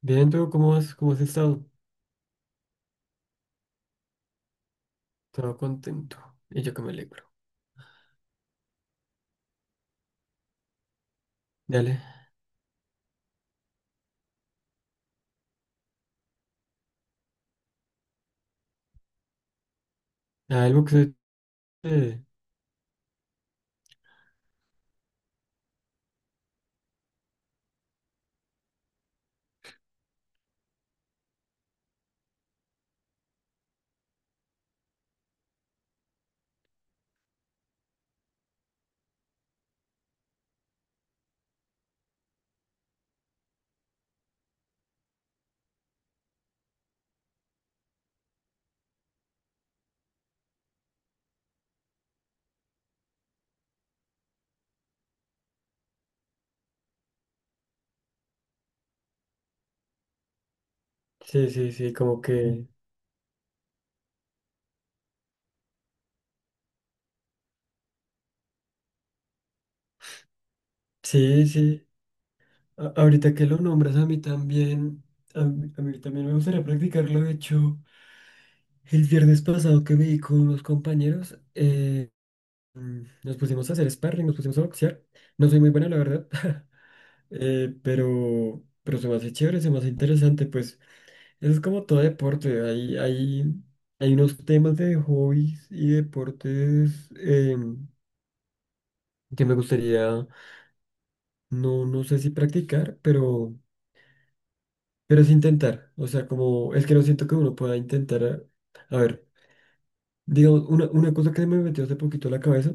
Bien, ¿tú cómo has estado? Todo contento. Y yo que me alegro. Dale. Ah, el boxeo. eh, Sí, sí, sí, como que. Sí, sí. Ahorita que lo nombras a mí también. A mí también me gustaría practicarlo. De hecho, el viernes pasado que me vi con unos compañeros, nos pusimos a hacer sparring, nos pusimos a boxear. No soy muy bueno, la verdad. Pero se me hace chévere, se me hace interesante, pues. Es como todo deporte, hay unos temas de hobbies y deportes que me gustaría, no sé si practicar, pero es intentar. O sea, como es que no siento que uno pueda intentar. A ver, digamos, una cosa que me metió hace poquito a la cabeza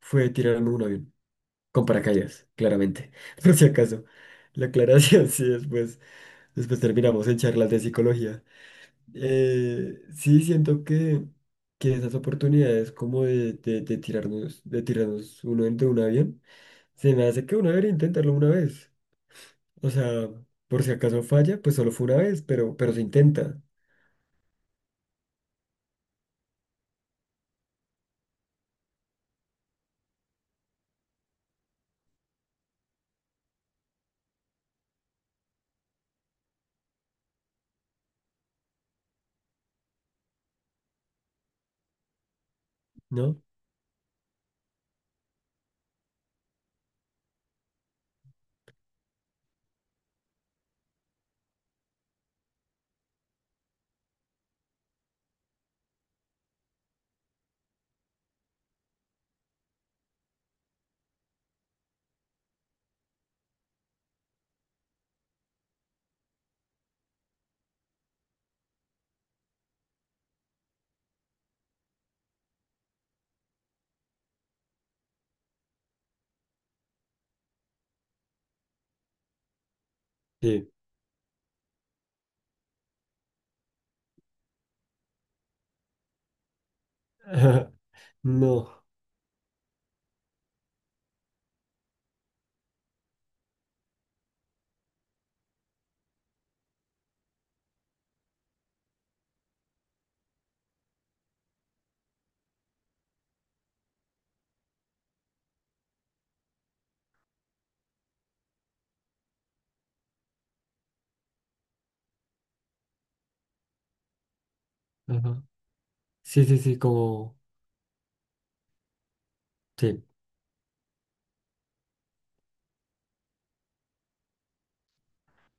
fue tirarme de un avión, con paracaídas, claramente, por si acaso. La aclaración, sí, después, después terminamos en charlas de psicología. Sí, siento que esas oportunidades como de tirarnos uno de un avión, se me hace que uno debería intentarlo una vez. O sea, por si acaso falla, pues solo fue una vez, pero se intenta, ¿no? Sí. Ajá. No. Ajá. Sí, sí, sí, como... Sí.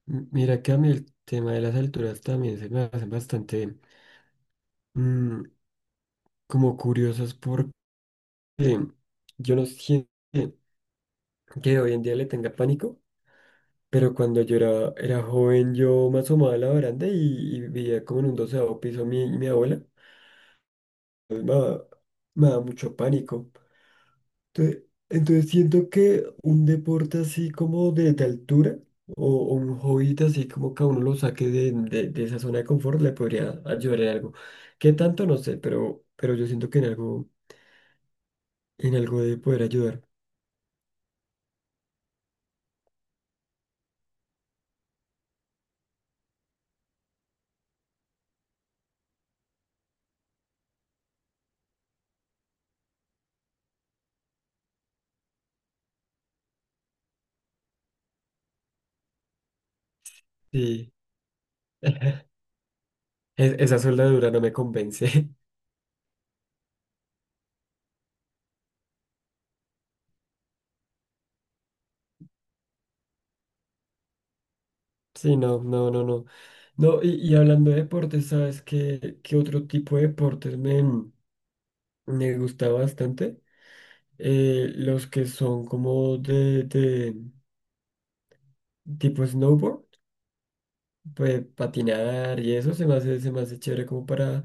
Mira que a mí el tema de las alturas también se me hacen bastante mm, como curiosos porque yo no siento que hoy en día le tenga pánico. Pero cuando yo era joven, yo me asomaba a la baranda y veía como en un doceavo piso mi abuela. Entonces me daba, me daba mucho pánico. Entonces, entonces siento que un deporte así como de altura o un hobby así como que a uno lo saque de esa zona de confort le podría ayudar en algo. ¿Qué tanto? No sé, pero yo siento que en algo de poder ayudar. Sí, esa soldadura no me convence. Sí, no, no, no, no. No, y hablando de deportes, ¿sabes qué, qué otro tipo de deportes me, me gusta bastante? Los que son como de tipo snowboard, pues patinar y eso se me hace chévere como para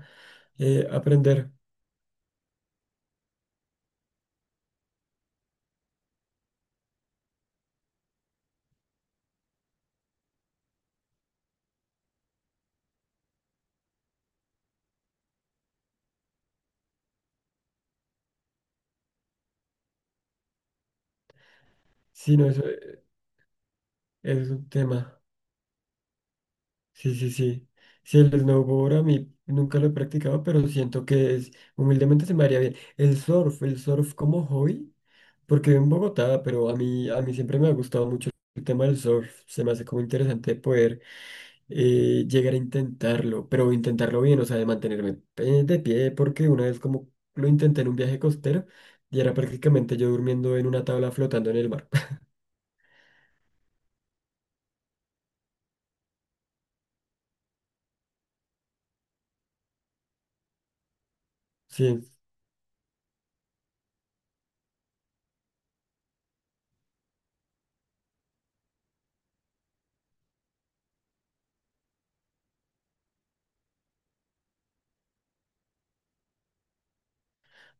aprender. Sí, no, eso, es un tema. Sí, sí, sí. Sí, el snowboard a mí nunca lo he practicado, pero siento que es, humildemente se me haría bien. El surf como hobby. Porque vivo en Bogotá, pero a mí siempre me ha gustado mucho el tema del surf. Se me hace como interesante poder llegar a intentarlo, pero intentarlo bien, o sea, de mantenerme de pie, porque una vez como lo intenté en un viaje costero y era prácticamente yo durmiendo en una tabla flotando en el mar. Sí,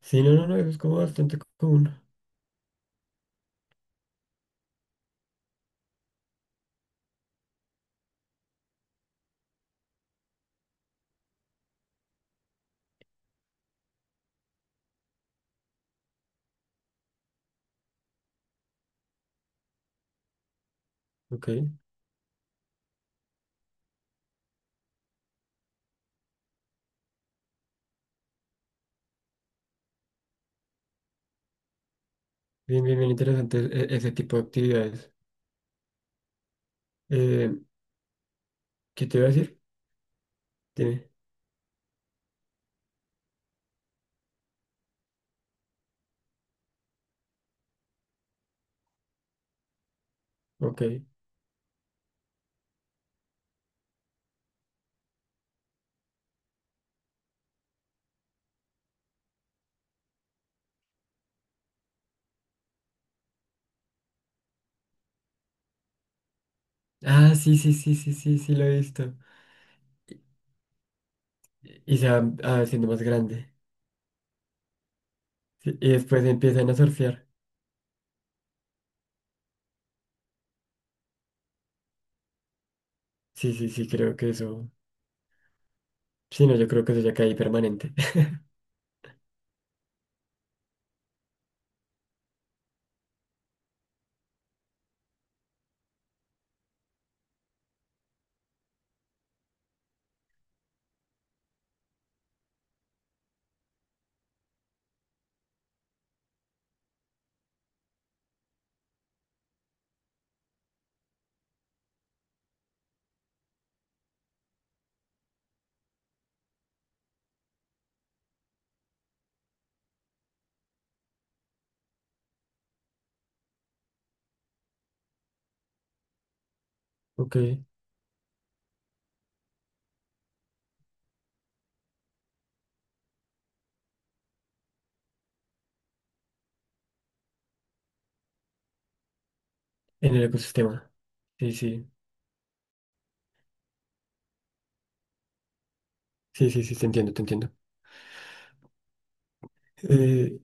sí, no, no, no, eso es como bastante común. Ok, bien, bien, bien interesante ese tipo de actividades. Eh, ¿Qué te iba a decir? Tiene, ok. Ah, sí, sí, sí, sí, sí, sí, lo he visto. Y se va ah, haciendo más grande. Sí, y después empiezan a surfear. Sí, sí, sí, creo que eso. Sí, no, yo creo que eso ya cae permanente. Ok, en el ecosistema. Sí, sí, sí, sí, sí, te entiendo, te entiendo. Eh,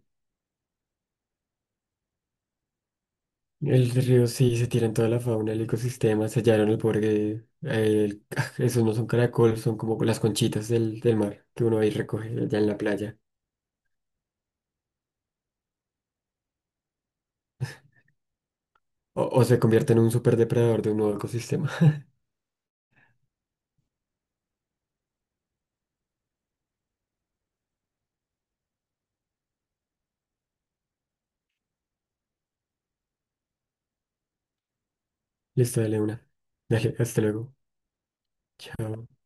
el río sí se tira en toda la fauna, el ecosistema, sellaron el borde. Esos no son caracoles, son como las conchitas del mar que uno ahí recoge allá en la playa. O se convierte en un superdepredador de un nuevo ecosistema. Listo, dale una. Dale, hasta luego. Chao.